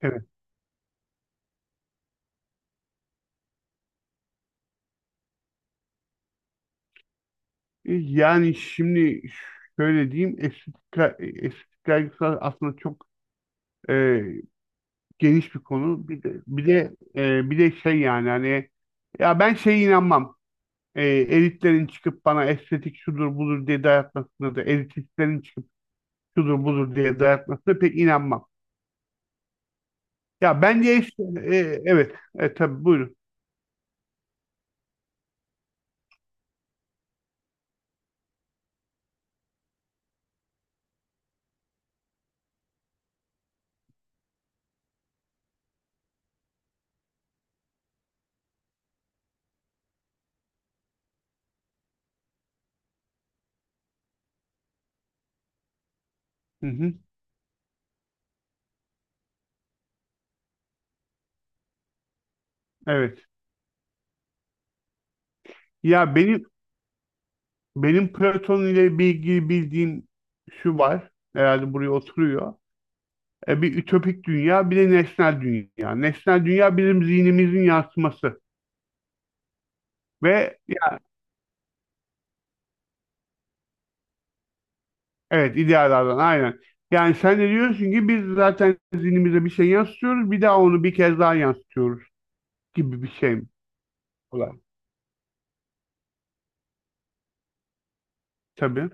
Evet. Yani şimdi şöyle diyeyim, estetik, estetik kaygısı aslında çok e, geniş bir konu. Bir de bir de şey, yani hani, ya, ben şeye inanmam. Elitlerin çıkıp bana estetik şudur budur diye dayatmasına da, elitistlerin çıkıp şudur budur diye dayatmasına pek inanmam. Ya bence işte, evet, tabii, buyurun. Hı hı, evet. Ya benim Platon ile ilgili bildiğim şu var. Herhalde buraya oturuyor. Bir ütopik dünya, bir de nesnel dünya. Nesnel dünya bizim zihnimizin yansıması ve ya- evet, idealardan aynen. Yani sen de diyorsun ki biz zaten zihnimize bir şey yansıtıyoruz, bir daha onu bir kez daha yansıtıyoruz gibi bir şey mi? Olan. Tabii.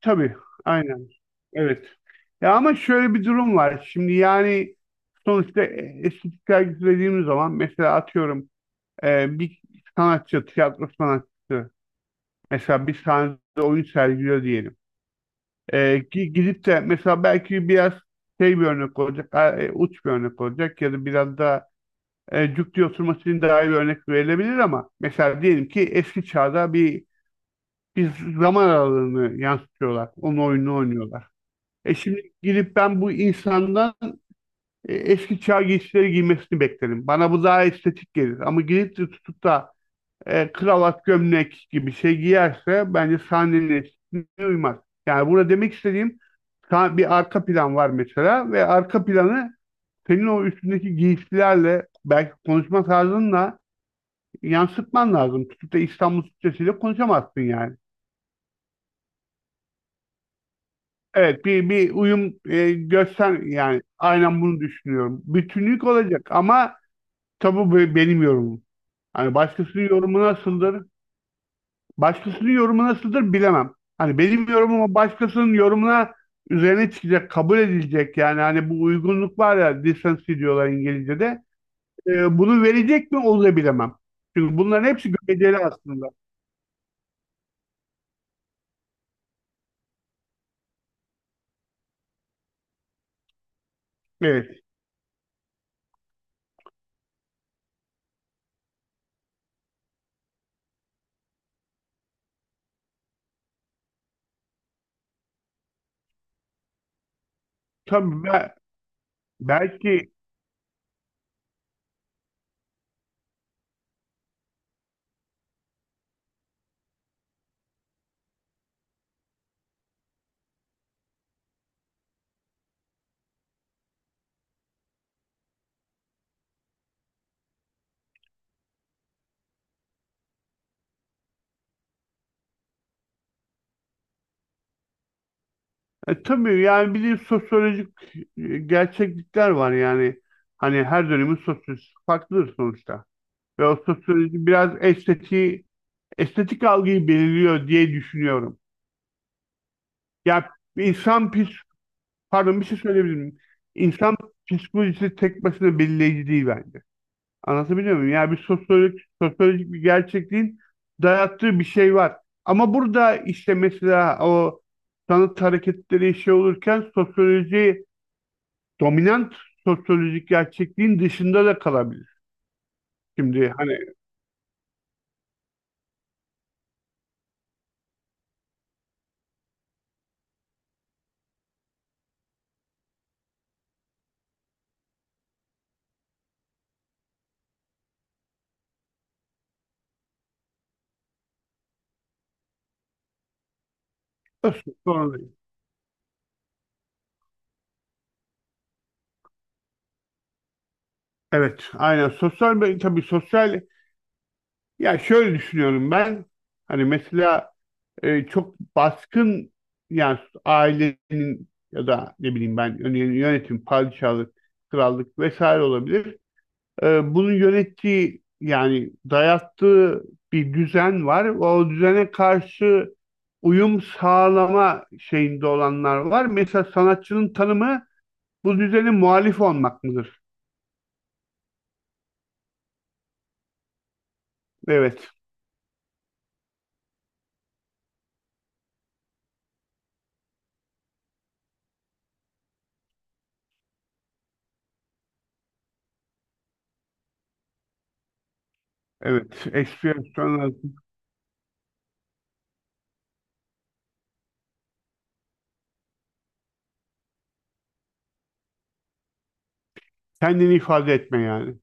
Tabii. Aynen. Evet. Ya ama şöyle bir durum var. Şimdi yani sonuçta estetik sergisi dediğimiz zaman, mesela atıyorum, bir sanatçı, tiyatro sanatçısı mesela bir sahnede oyun sergiliyor diyelim. Ki gidip de mesela belki biraz şey, bir örnek olacak, uç bir örnek olacak, ya da biraz da cuk diye oturması için daha iyi bir örnek verilebilir, ama mesela diyelim ki eski çağda bir zaman aralığını yansıtıyorlar. Onun oyununu oynuyorlar. Şimdi gidip ben bu insandan eski çağ giysileri giymesini beklerim. Bana bu daha estetik gelir. Ama gidip de tutup da kravat gömlek gibi şey giyerse, bence sahnenin estetikliğine uymaz. Yani burada demek istediğim, bir arka plan var mesela ve arka planı senin o üstündeki giysilerle, belki konuşma tarzınla yansıtman lazım. Tutup da İstanbul Türkçesiyle konuşamazsın yani. Evet, bir uyum göster, yani aynen bunu düşünüyorum. Bütünlük olacak. Ama tabii bu benim yorumum. Hani başkasının yorumu nasıldır Başkasının yorumu nasıldır bilemem. Hani benim yorumuma, başkasının yorumuna üzerine çıkacak, kabul edilecek, yani hani bu uygunluk var ya, decency diyorlar İngilizce'de. Bunu verecek mi onu da bilemem. Çünkü bunların hepsi göreceli aslında. Evet. Tabii. Belki tabii, yani bir de sosyolojik gerçeklikler var yani. Hani her dönemin sosyolojisi farklıdır sonuçta. Ve o sosyoloji biraz estetiği, estetik algıyı belirliyor diye düşünüyorum. Ya insan pis Pardon, bir şey söyleyebilir miyim? İnsan psikolojisi tek başına belirleyici değil bence. Anlatabiliyor muyum? Yani bir sosyolojik, sosyolojik bir gerçekliğin dayattığı bir şey var. Ama burada işte mesela, o sanat hareketleri şey olurken, sosyoloji, dominant sosyolojik gerçekliğin dışında da kalabilir. Şimdi hani sonra- evet, aynen, sosyal, tabii sosyal, ya şöyle düşünüyorum ben: hani mesela çok baskın, yani ailenin ya da ne bileyim ben, yönetim, padişahlık, krallık vesaire olabilir. Bunun yönettiği, yani dayattığı bir düzen var. O düzene karşı uyum sağlama şeyinde olanlar var. Mesela sanatçının tanımı bu düzene muhalif olmak mıdır? Evet. Evet. Ekspresyon, kendini ifade etme yani.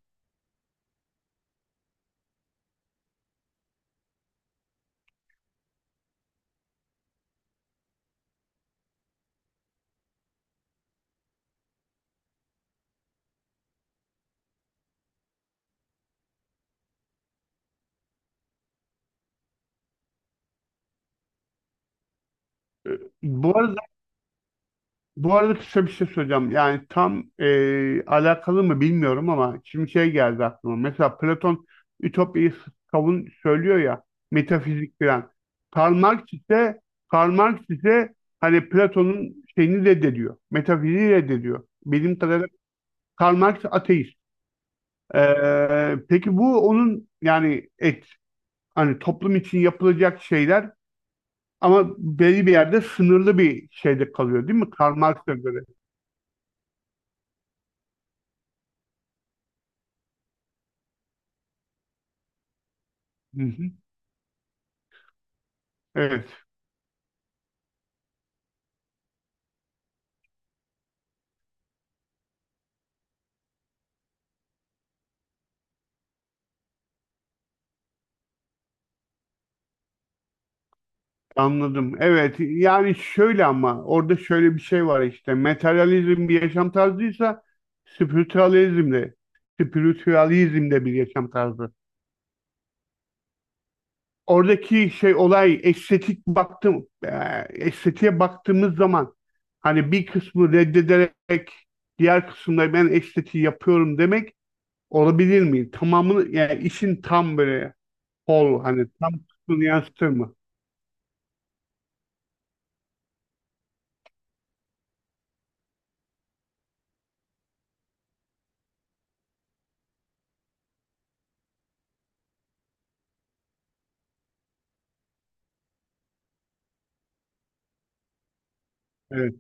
E, Bu arada Bu arada, kısa bir şey söyleyeceğim. Yani tam alakalı mı bilmiyorum ama şimdi şey geldi aklıma. Mesela Platon Ütopya'yı savun söylüyor ya, metafizik falan. Karl Marx ise Karl Marx ise hani Platon'un şeyini reddediyor. Metafiziği reddediyor. Benim kadarıyla Karl Marx ateist. Peki bu onun, yani hani, toplum için yapılacak şeyler ama belli bir yerde, sınırlı bir şeyde kalıyor değil mi? Karl Marx'a göre. Hı hı. Evet. Anladım. Evet, yani şöyle ama, orada şöyle bir şey var işte. Materyalizm bir yaşam tarzıysa, spiritualizm de spiritualizm de bir yaşam tarzı. Oradaki şey, olay, estetik baktım estetiğe baktığımız zaman, hani bir kısmı reddederek diğer kısımda ben estetiği yapıyorum demek olabilir mi? Tamamını, yani işin tam böyle whole, hani tam kısmını yansıtır mı? Evet.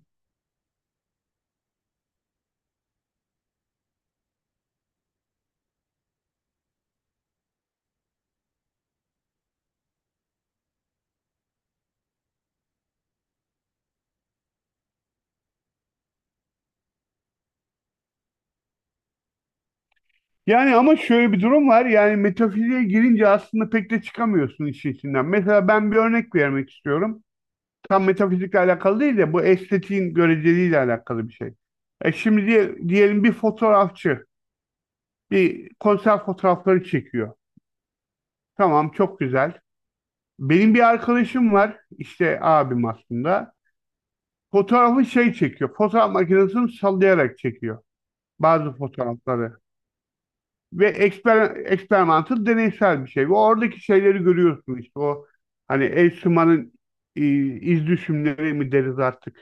Yani ama şöyle bir durum var. Yani metafiziğe girince aslında pek de çıkamıyorsun işin içinden. Mesela ben bir örnek vermek istiyorum. Tam metafizikle alakalı değil de, bu estetiğin göreceliğiyle alakalı bir şey. Şimdi diyelim, bir fotoğrafçı bir konser fotoğrafları çekiyor. Tamam, çok güzel. Benim bir arkadaşım var, işte abim aslında. Fotoğrafı şey çekiyor. Fotoğraf makinesini sallayarak çekiyor bazı fotoğrafları. Ve eksperimental, deneysel bir şey. Ve oradaki şeyleri görüyorsun, işte o hani e, iz düşümleri mi deriz artık,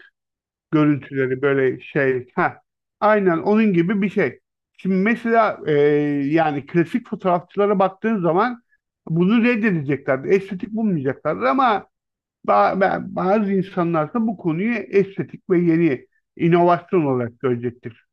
görüntüleri, böyle şey. Ha, aynen onun gibi bir şey. Şimdi mesela yani klasik fotoğrafçılara baktığın zaman bunu reddedeceklerdi. Estetik bulmayacaklardı ama bazı insanlar da bu konuyu estetik ve yeni inovasyon olarak görecektir.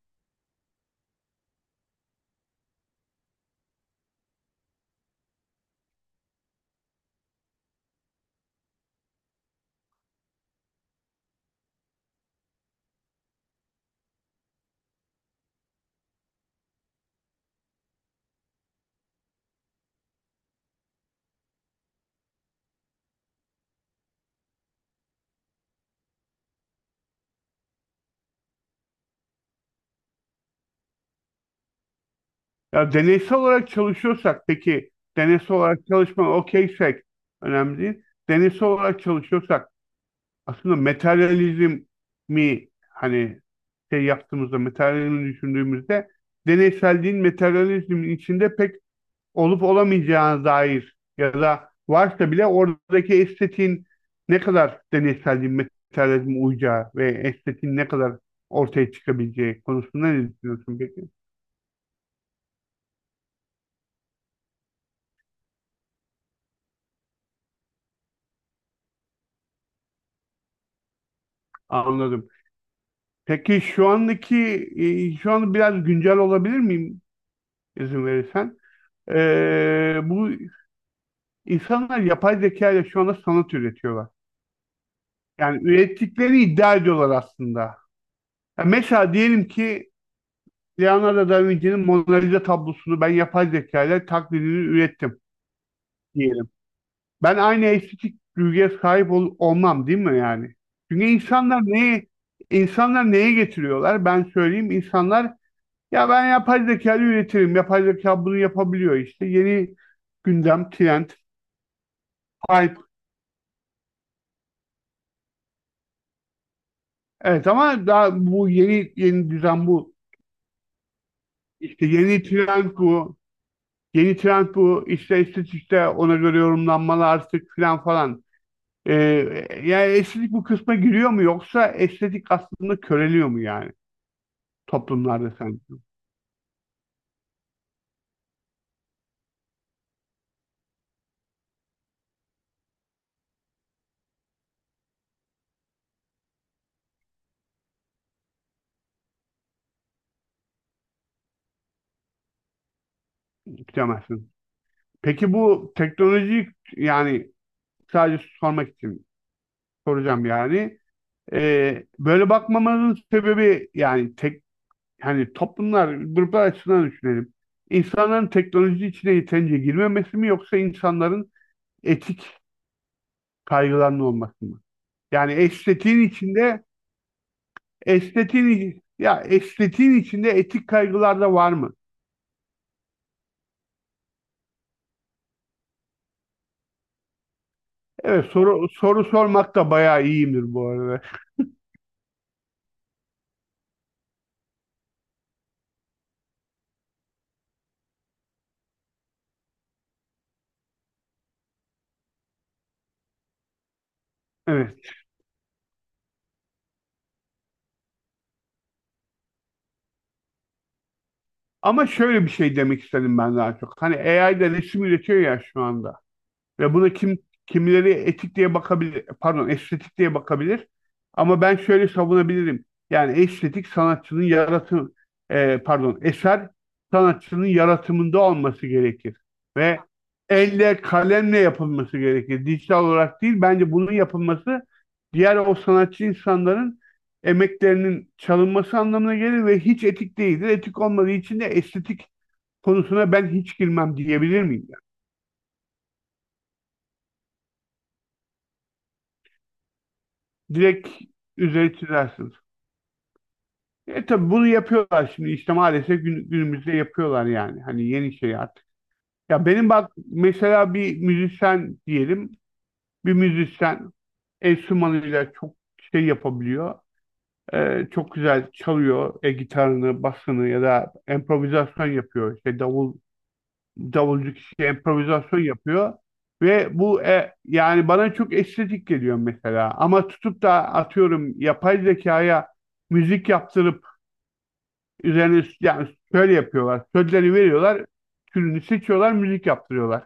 Ya deneysel olarak çalışıyorsak, peki deneysel olarak çalışma okeysek önemli değil. Deneysel olarak çalışıyorsak, aslında materyalizm mi, hani şey yaptığımızda, materyalizmi düşündüğümüzde, deneyselliğin materyalizmin içinde pek olup olamayacağına dair, ya da varsa bile oradaki estetiğin ne kadar deneyselliğin materyalizme uyacağı ve estetiğin ne kadar ortaya çıkabileceği konusunda ne düşünüyorsun peki? Anladım. Peki şu andaki, şu an biraz güncel olabilir miyim, izin verirsen? Bu insanlar yapay zeka ile şu anda sanat üretiyorlar. Yani ürettikleri iddia ediyorlar aslında. Ya mesela diyelim ki, Leonardo da Vinci'nin Mona Lisa tablosunu ben yapay zeka ile taklidini ürettim diyelim. Ben aynı estetik duyguya sahip olmam değil mi yani? Çünkü insanlar neye, insanlar neye getiriyorlar? Ben söyleyeyim, insanlar: ya ben yapay zekayla üretirim. Yapay zeka bunu yapabiliyor işte. Yeni gündem, trend, hype. Evet ama daha bu yeni yeni düzen bu. İşte yeni trend bu. Yeni trend bu. İşte estetikte ona göre yorumlanmalar artık filan falan. Ee, Yani estetik bu kısma giriyor mu, yoksa estetik aslında köreliyor mu, yani toplumlarda, sen bilemezsin. Peki bu teknoloji, yani sadece sormak için soracağım yani. Böyle bakmamanın sebebi, yani tek, hani toplumlar, gruplar açısından düşünelim. İnsanların teknoloji içine yeterince girmemesi mi, yoksa insanların etik kaygılarının olması mı? Yani estetiğin içinde, estetiğin içinde etik kaygılar da var mı? Evet, soru soru sormak da bayağı iyiyimdir bu arada. Evet. Ama şöyle bir şey demek istedim ben daha çok. Hani AI de resim üretiyor ya şu anda. Ve bunu kim, kimileri etik diye bakabilir, pardon, estetik diye bakabilir. Ama ben şöyle savunabilirim. Yani estetik, sanatçının yaratım, pardon, eser, sanatçının yaratımında olması gerekir. Ve elle, kalemle yapılması gerekir. Dijital olarak değil. Bence bunun yapılması, diğer o sanatçı insanların emeklerinin çalınması anlamına gelir ve hiç etik değildir. Etik olmadığı için de estetik konusuna ben hiç girmem diyebilir miyim? Direkt üzeri çizersiniz. E tabii bunu yapıyorlar şimdi işte, maalesef günümüzde yapıyorlar yani. Hani yeni şey artık. Ya benim bak mesela, bir müzisyen diyelim. Bir müzisyen enstrümanıyla çok şey yapabiliyor. Çok güzel çalıyor gitarını, basını, ya da improvizasyon yapıyor. İşte davulcu kişi improvizasyon yapıyor ve bu yani bana çok estetik geliyor mesela. Ama tutup da atıyorum, yapay zekaya müzik yaptırıp üzerine, yani şöyle yapıyorlar: sözleri veriyorlar, türünü seçiyorlar, müzik yaptırıyorlar.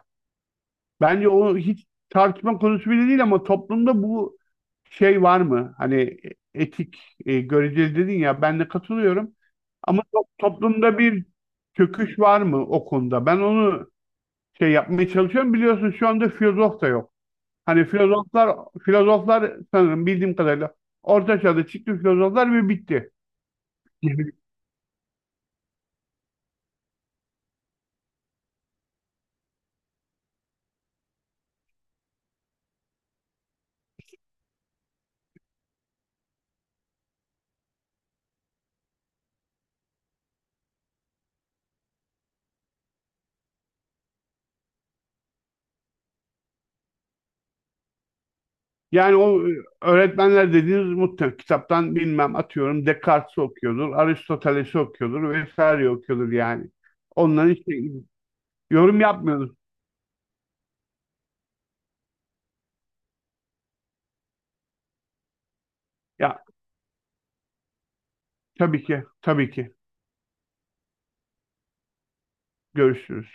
Bence o hiç tartışma konusu bile değil, ama toplumda bu şey var mı? Hani etik göreceli dedin ya, ben de katılıyorum, ama toplumda bir çöküş var mı o konuda? Ben onu şey yapmaya çalışıyorum. Biliyorsun şu anda filozof da yok. Hani filozoflar, sanırım bildiğim kadarıyla orta çağda çıktı filozoflar ve bitti. Yani o, öğretmenler dediğiniz muhtemelen kitaptan, bilmem, atıyorum Descartes'i okuyordur, Aristoteles'i okuyordur, vesaire okuyordur yani. Onların işte yorum yapmıyoruz. Ya tabii ki, tabii ki, görüşürüz.